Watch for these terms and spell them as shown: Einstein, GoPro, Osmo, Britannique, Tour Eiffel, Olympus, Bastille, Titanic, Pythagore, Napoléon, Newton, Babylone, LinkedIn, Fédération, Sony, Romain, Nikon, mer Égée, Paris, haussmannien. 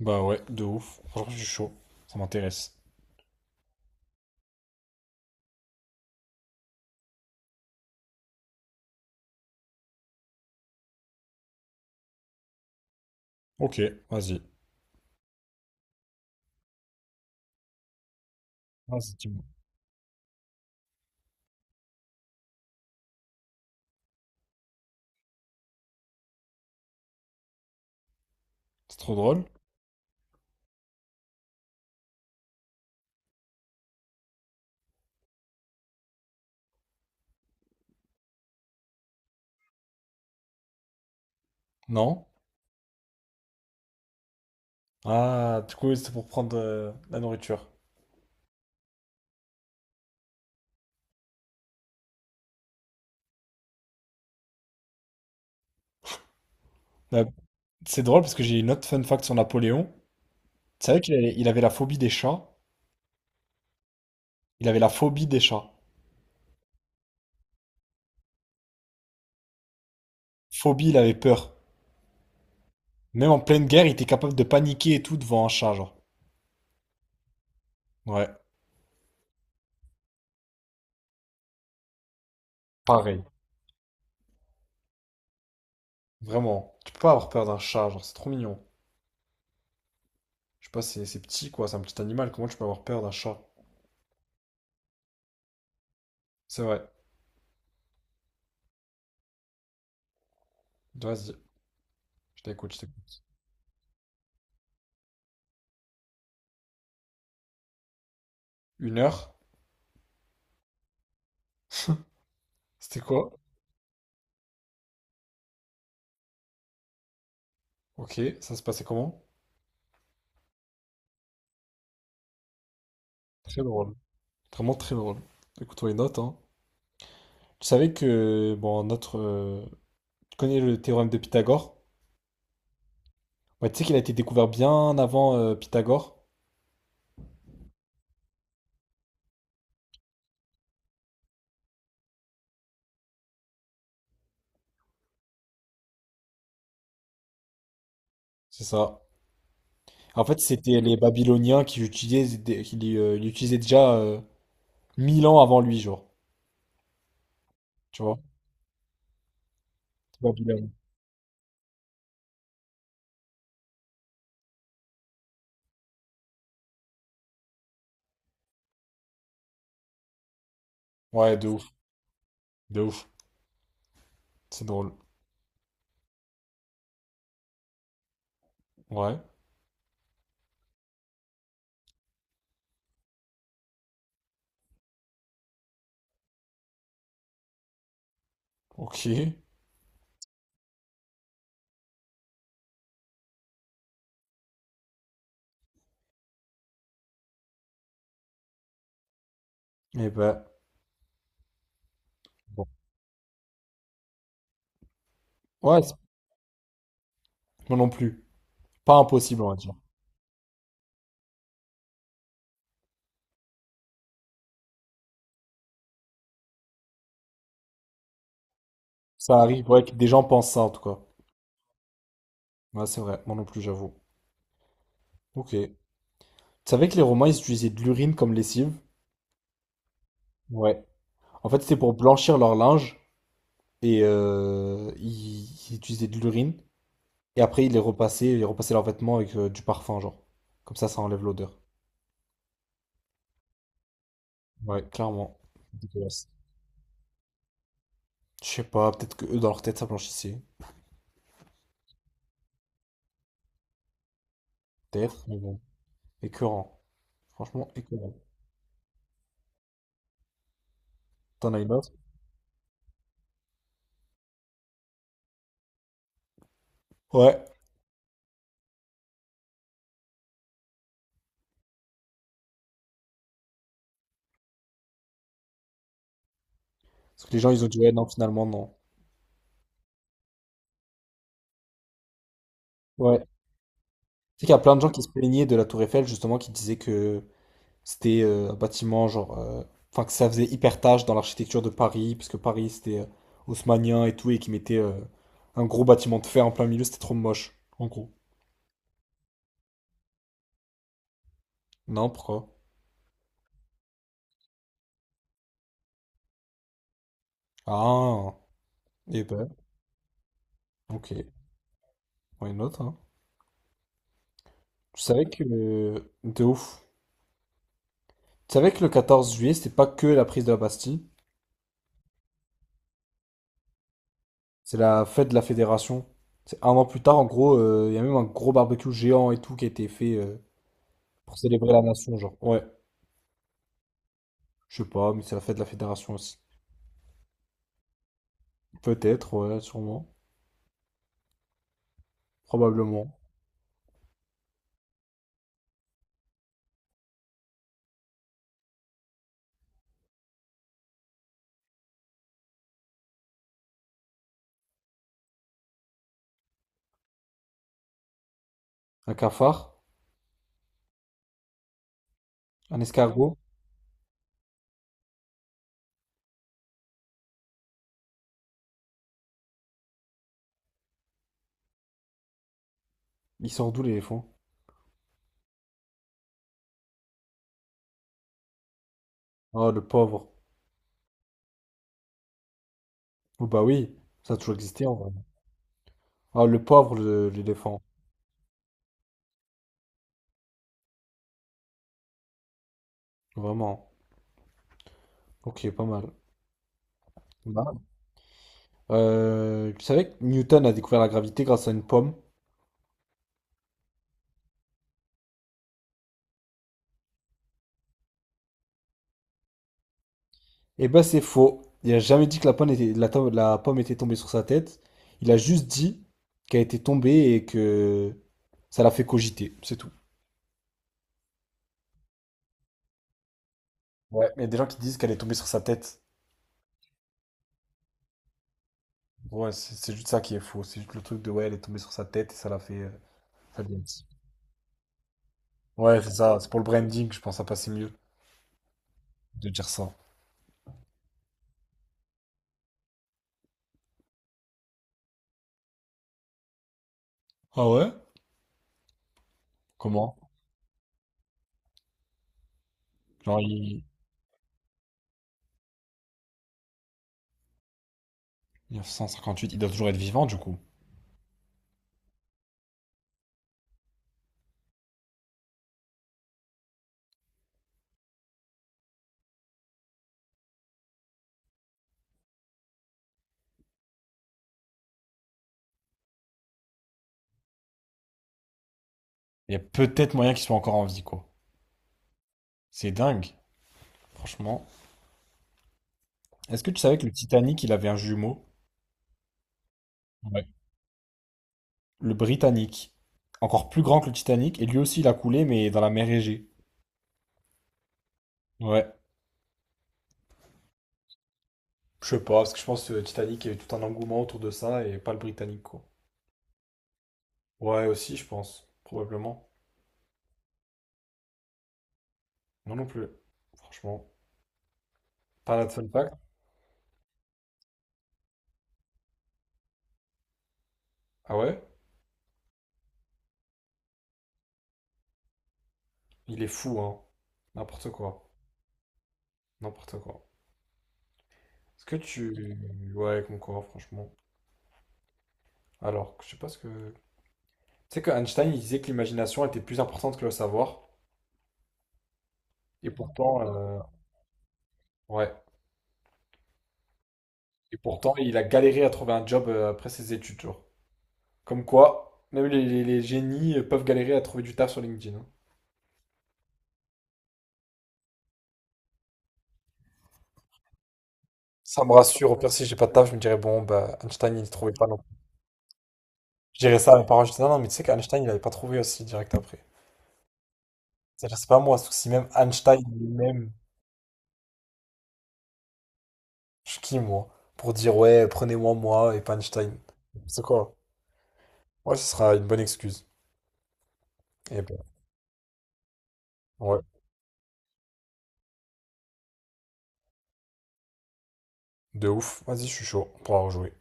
Bah ouais, de ouf. Franchement, je suis chaud. Ça m'intéresse. Ok, vas-y. Vas-y, dis-moi. C'est trop drôle? Non? Ah, du coup, c'est pour prendre la nourriture. Euh, c'est drôle parce que j'ai une autre fun fact sur Napoléon. Tu savais qu'il avait la phobie des chats? Il avait la phobie des chats. Phobie, il avait peur. Même en pleine guerre, il était capable de paniquer et tout devant un chat, genre. Ouais, pareil. Vraiment. Tu peux pas avoir peur d'un chat, genre, c'est trop mignon. Je sais pas, c'est petit, quoi. C'est un petit animal. Comment tu peux avoir peur d'un chat? C'est vrai. Vas-y, je t'écoute. Une heure? C'était quoi? Ok, ça se passait comment? Très drôle. Vraiment très drôle. Écoute-moi les notes, hein. Tu savais que, bon, tu connais le théorème de Pythagore? Ouais, tu sais qu'il a été découvert bien avant Pythagore? C'est ça. En fait, c'était les Babyloniens qui l'utilisaient déjà 1000 ans avant lui, genre. Tu vois? Babylone. Ouais, de ouf. De ouf. C'est drôle. Ouais. Ok. Eh ben. Bon. Ouais, c'est- moi non plus. Pas impossible, on va dire. Ça arrive, ouais, que des gens pensent ça en tout cas. Ouais, c'est vrai, moi non plus, j'avoue. Ok. Tu savais que les Romains, ils utilisaient de l'urine comme lessive? Ouais. En fait, c'était pour blanchir leur linge et ils utilisaient de l'urine et après ils repassaient leurs vêtements avec du parfum, genre. Comme ça enlève l'odeur. Ouais, clairement. Dégueulasse. Je sais pas, peut-être que eux dans leur tête ça blanchissait. Peut-être, mais bon. Écœurant. Franchement, écœurant. T'en as une autre? Ouais. Parce que les gens ils ont dit ouais, non, finalement, non. Ouais. Sais qu'il y a plein de gens qui se plaignaient de la Tour Eiffel, justement, qui disaient que c'était un bâtiment, que ça faisait hyper tâche dans l'architecture de Paris, puisque Paris, c'était haussmannien et tout, et qui mettait un gros bâtiment de fer en plein milieu, c'était trop moche, en gros. Non, pourquoi? Ah, et ben, ok, why not, hein. Je savais que, de ouf. Tu savais que le 14 juillet, c'était pas que la prise de la Bastille, c'est la fête de la Fédération. C'est un an plus tard, en gros, il y a même un gros barbecue géant et tout qui a été fait. Pour célébrer la nation, genre. Ouais, je sais pas, mais c'est la fête de la fédération aussi. Peut-être, ouais, sûrement. Probablement. Un cafard? Un escargot? Il sort d'où l'éléphant? Ah, le pauvre. Oh bah oui, ça a toujours existé en vrai. Ah, le pauvre, le- l'éléphant. Vraiment. Ok, pas mal. Bah, tu savais que Newton a découvert la gravité grâce à une pomme? Eh ben c'est faux. Il a jamais dit que la pomme était tombée sur sa tête. Il a juste dit qu'elle était tombée et que ça l'a fait cogiter. C'est tout. Ouais, mais il y a des gens qui disent qu'elle est tombée sur sa tête. Ouais, c'est juste ça qui est faux. C'est juste le truc de ouais, elle est tombée sur sa tête et ça l'a fait, ça lui a dit. Ouais, c'est ça. C'est pour le branding, je pense, ça passait mieux de dire ça. Ah ouais? Comment? Genre, il... 1958, il doit toujours être vivant, du coup. Il y a peut-être moyen qu'il soit encore en vie, quoi. C'est dingue, franchement. Est-ce que tu savais que le Titanic, il avait un jumeau? Ouais. Le Britannique. Encore plus grand que le Titanic, et lui aussi, il a coulé, mais dans la mer Égée. Ouais. Je sais pas, parce que je pense que Titanic, il y a eu tout un engouement autour de ça et pas le britannique, quoi. Ouais, aussi, je pense, probablement. Non non plus, franchement. Pas de fun fact. Ah ouais? Il est fou, hein. N'importe quoi. N'importe quoi. Est-ce que tu. Ouais, comme quoi, franchement. Alors, je sais pas ce que. Tu sais que Einstein, il disait que l'imagination était plus importante que le savoir. Et pourtant, ouais. Et pourtant, il a galéré à trouver un job après ses études, genre. Comme quoi, les génies peuvent galérer à trouver du taf sur LinkedIn. Hein. Ça me rassure. Au pire, si j'ai pas de taf, je me dirais, bon, bah, Einstein, il ne trouvait pas non plus. Je dirais ça à mes parents, je disais, non, non, mais tu sais qu'Einstein, il avait pas trouvé aussi direct après. C'est-à-dire, c'est pas moi, sauf si même Einstein lui-même, je suis qui, moi, pour dire, ouais, prenez-moi, moi, et pas Einstein. C'est quoi? Ouais, ce sera une bonne excuse. Et ben, ouais, de ouf. Vas-y, je suis chaud. On pourra rejouer.